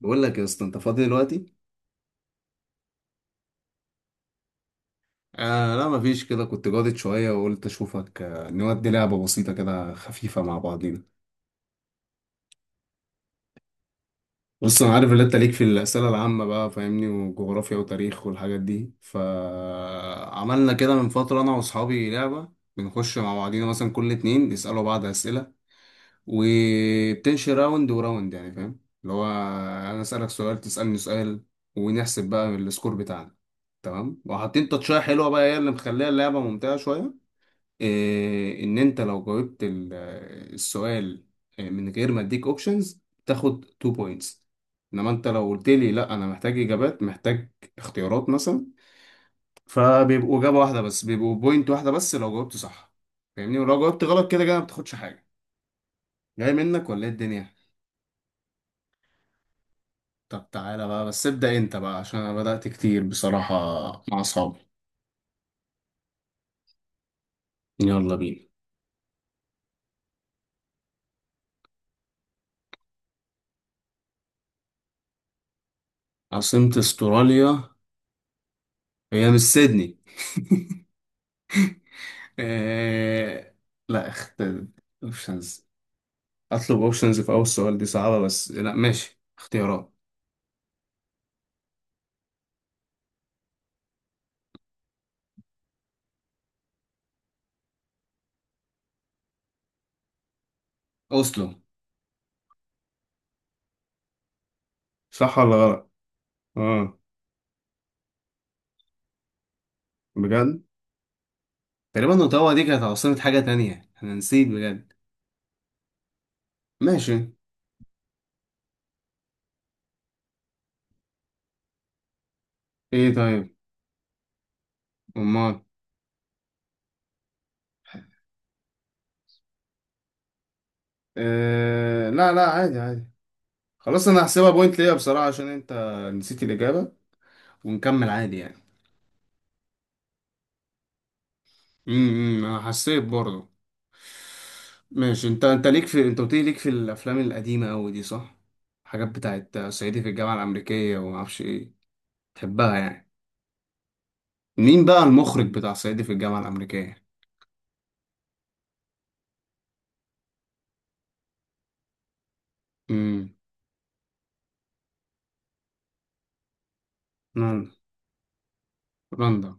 بقول لك يا اسطى، انت فاضي دلوقتي؟ لا، مفيش كده. كنت جادد شويه وقلت اشوفك. نودي لعبه بسيطه كده خفيفه مع بعضينا. بص، انا عارف ان انت ليك في الاسئله العامه بقى، فاهمني، وجغرافيا وتاريخ والحاجات دي، فعملنا كده من فتره انا واصحابي لعبه. بنخش مع بعضينا، مثلا كل 2 يسالوا بعض اسئله وبتمشي راوند وراوند، يعني فاهم اللي هو انا اسالك سؤال تسالني سؤال، ونحسب بقى السكور بتاعنا. تمام؟ وحاطين تاتشاية حلوه بقى هي اللي مخليها اللعبه ممتعه شويه. ان انت لو جاوبت السؤال، من غير ما اديك اوبشنز، تاخد 2 بوينتس. انما انت لو قلت لي لا، انا محتاج اجابات، محتاج اختيارات مثلا، فبيبقوا اجابه واحده، بس بيبقوا بوينت واحده بس لو جاوبت صح، فاهمني؟ ولو جاوبت غلط كده كده ما بتاخدش حاجه. جاي منك ولا ايه الدنيا؟ طب تعالى بقى، بس ابدا انت بقى عشان انا بدات كتير بصراحه مع اصحابي. يلا بينا. عاصمه استراليا. هي مش سيدني؟ إيه... لا اخت. اوبشنز، اطلب اوبشنز في اول سؤال، دي صعبة، بس لا ماشي، اختيارات. اوسلو. صح ولا غلط؟ اه. بجد؟ تقريبا اوتاوا دي كانت عاصمة حاجة تانية انا نسيت بجد. ماشي. ايه طيب. امال؟ آه، لا لا، عادي عادي، خلاص. انا هحسبها بوينت ليا بصراحة عشان انت نسيت الاجابة، ونكمل عادي يعني. امم، انا حسيت برضه. ماشي. انت قلت لي ليك في الافلام القديمة قوي دي، صح؟ حاجات بتاعت صعيدي في الجامعة الامريكية وما اعرفش ايه، تحبها يعني. مين بقى المخرج بتاع صعيدي في الجامعة الأمريكية؟ امم. رندا، رندا.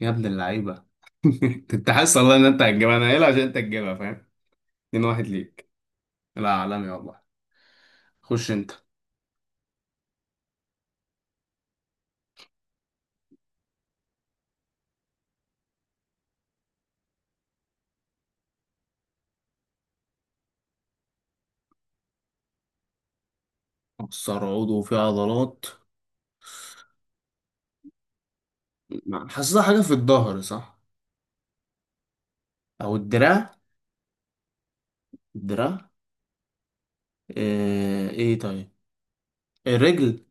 يا ابن اللعيبة. انت حاسس والله ان انت هتجيبها، انا قايلها عشان انت هتجيبها، فاهم؟ 2-1 ليك. لا، عالمي والله. خش انت. مكسر عضو فيه عضلات. حاسسها حاجة في الظهر، صح؟ أو الدراع. الدراع. ايه طيب؟ الرجل.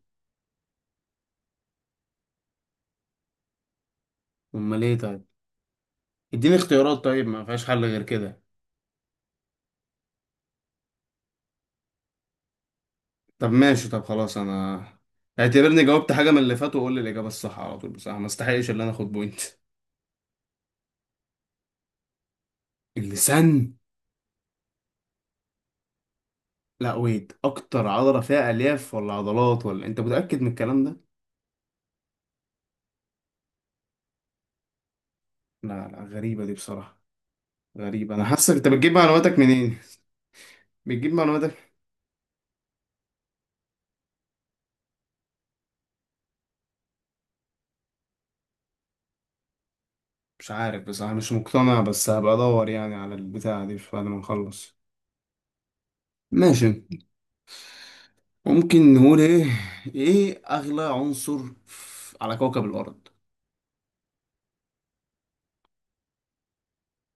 أمال ايه طيب؟ اديني اختيارات طيب، ما فيهاش حل غير كده. طب ماشي، طب خلاص، أنا اعتبرني جاوبت حاجة من اللي فات وقول لي الإجابة الصح على طول بصراحة، ما استحقش اللي أنا آخد بوينت. اللسان؟ لا ويت، اكتر عضله فيها الياف ولا عضلات، ولا انت متاكد من الكلام ده؟ لا لا، غريبه دي بصراحه. غريبه، انا حاسس انت بتجيب معلوماتك منين، بتجيب معلوماتك. مش عارف بصراحه، مش مقتنع، بس هبقى ادور يعني على البتاعه دي بعد ما نخلص. ماشي. ممكن نقول ايه، ايه اغلى عنصر على كوكب الارض.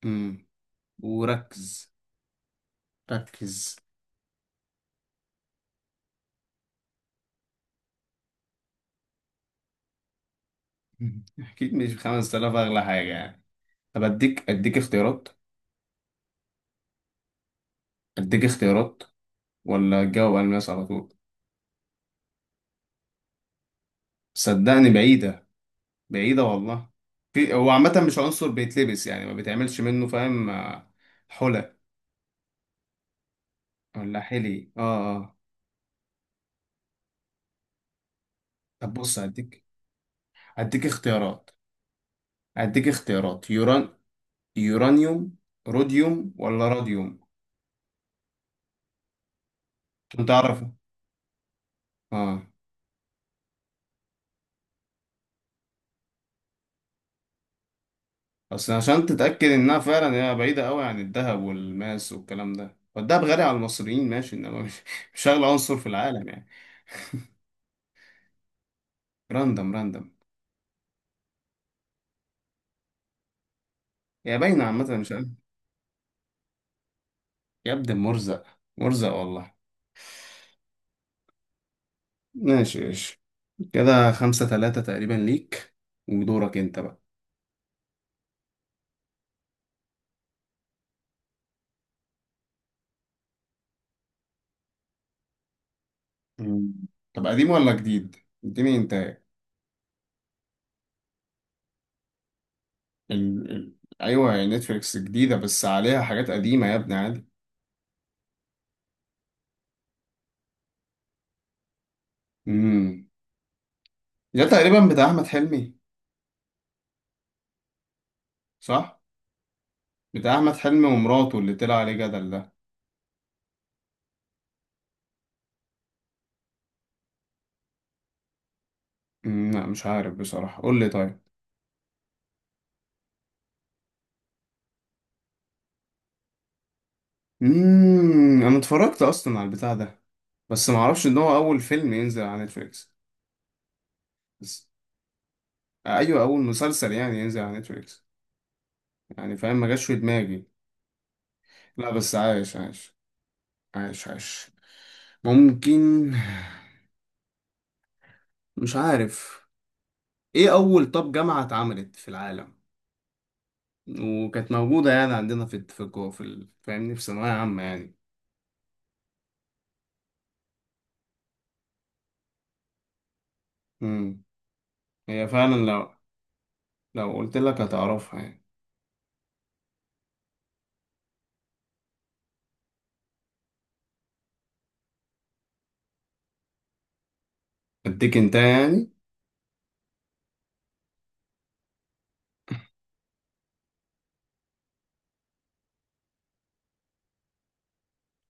امم. وركز، ركز. اكيد مش 5000 اغلى حاجه يعني. طب اديك اختيارات، اديك اختيارات. ولا الجواب الماس على طول. صدقني بعيدة، بعيدة والله. في، هو عامة مش عنصر بيتلبس، يعني ما بيتعملش منه، فاهم؟ حلى، ولا حلي، اه اه. طب بص هديك، هديك اختيارات، هديك اختيارات يوران يورانيوم، روديوم ولا راديوم. عشان تعرف. اه. بس عشان تتأكد انها فعلا هي بعيدة قوي عن الذهب والماس والكلام ده، والدهب غالي على المصريين ماشي، انما مش اغلى عنصر في العالم يعني. راندم راندم. هي باينة، عامة مش عارف. يا ابن مرزق، مرزق والله. ماشي ماشي. كده 5-3 تقريبا ليك، ودورك انت بقى. مم. طب قديم ولا جديد؟ اديني انت. ال... ال... ايوه هي نتفليكس جديدة، بس عليها حاجات قديمة يا ابني، عادي. امم. ده تقريبا بتاع احمد حلمي، صح؟ بتاع احمد حلمي ومراته اللي طلع عليه جدل ده. مم، لا، مش عارف بصراحة، قول لي طيب. امم، انا اتفرجت اصلا على البتاع ده، بس معرفش ان هو اول فيلم ينزل على نتفليكس. ايوه، اول مسلسل يعني ينزل على نتفليكس، يعني فاهم، ما جاش في دماغي. لا بس، عايش عايش، عايش عايش. ممكن، مش عارف. ايه اول، طب جامعة اتعملت في العالم وكانت موجودة يعني عندنا في في الجو- في ال- فاهمني، في ثانوية عامة يعني؟ امم. هي فعلا لو قلت لك هتعرفها يعني. اديك انت يعني.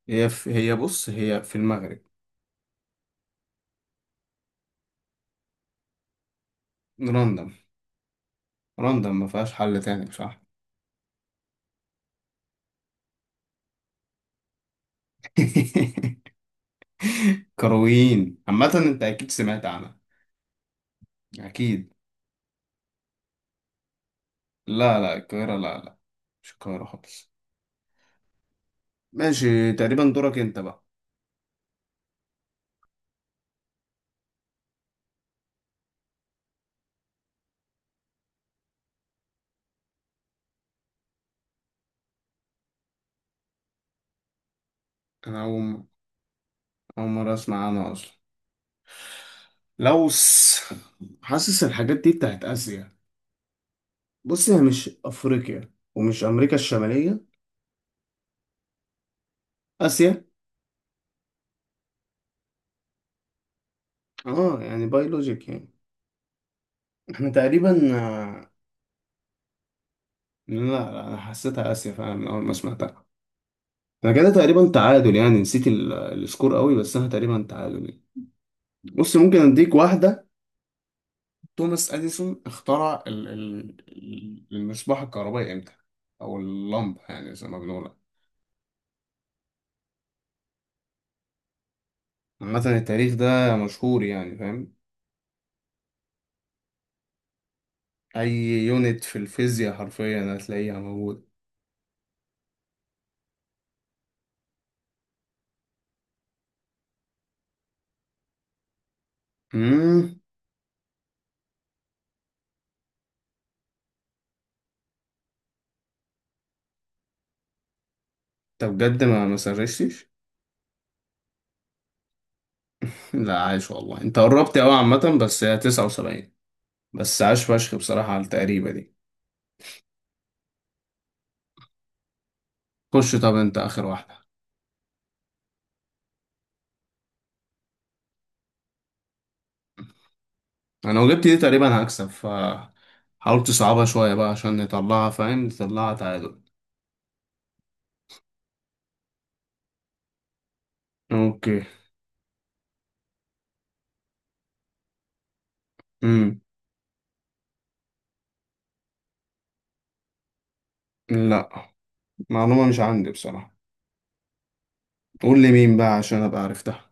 هي في هي بص، هي في المغرب. راندم، راندم، ما فيهاش حل تاني بصراحة. كرويين عامة، انت اكيد سمعت عنها. أكيد. لا لا، القاهرة، لا لا، مش القاهرة خالص. ماشي، تقريبا دورك أنت بقى. أنا أول مرة أسمع عنها أصلا. لوس. حاسس الحاجات دي بتاعت آسيا. بص هي مش أفريقيا ومش أمريكا الشمالية. آسيا. أه، يعني بايولوجيك يعني. إحنا تقريبا لا لا، أنا حسيتها آسيا فعلا من أول ما سمعتها. أنا كده تقريبا تعادل يعني، نسيت السكور قوي، بس أنا تقريبا تعادل. بص ممكن أديك واحدة. توماس اديسون اخترع المصباح الكهربائي امتى، او اللمبه يعني زي ما بنقولها؟ عامه التاريخ ده مشهور يعني، فاهم؟ اي يونت في الفيزياء حرفيا هتلاقيها موجوده. امم. انت بجد ما سرشتش؟ لا، عايش والله، انت قربت قوي عامه، بس هي 79. بس عاش فشخ بصراحه على التقريبه دي. خش، طب انت اخر واحده. انا لو جبت دي تقريبا هكسب، ف حاولت تصعبها شويه بقى عشان نطلعها، فاهم، نطلعها تعادل. اوكي. امم. لا، معلومة مش عندي بصراحة، قول لي مين بقى عشان ابقى عرفتها.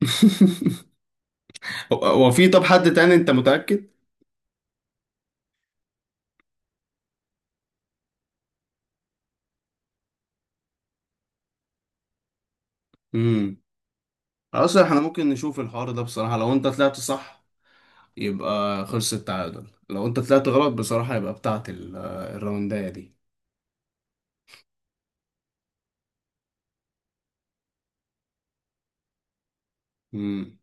هو في طب حد تاني، انت متأكد؟ امم. اصل احنا ممكن نشوف الحوار ده بصراحة، لو انت طلعت صح يبقى خلص التعادل، لو انت طلعت غلط بصراحة يبقى بتاعت الراونداية دي. امم.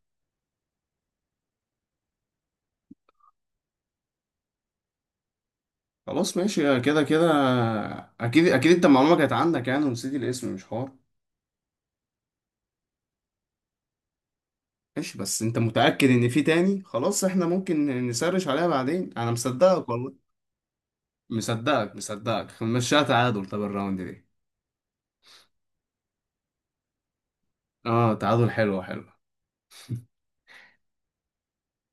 خلاص ماشي كده كده، اكيد اكيد انت المعلومة كانت عندك يعني، ونسيت الاسم، مش حوار. ماشي، بس انت متأكد ان في تاني؟ خلاص احنا ممكن نسرش عليها بعدين، انا مصدقك والله، مصدقك مصدقك، مشيها تعادل طب الراوند دي. اه، تعادل، حلو حلو.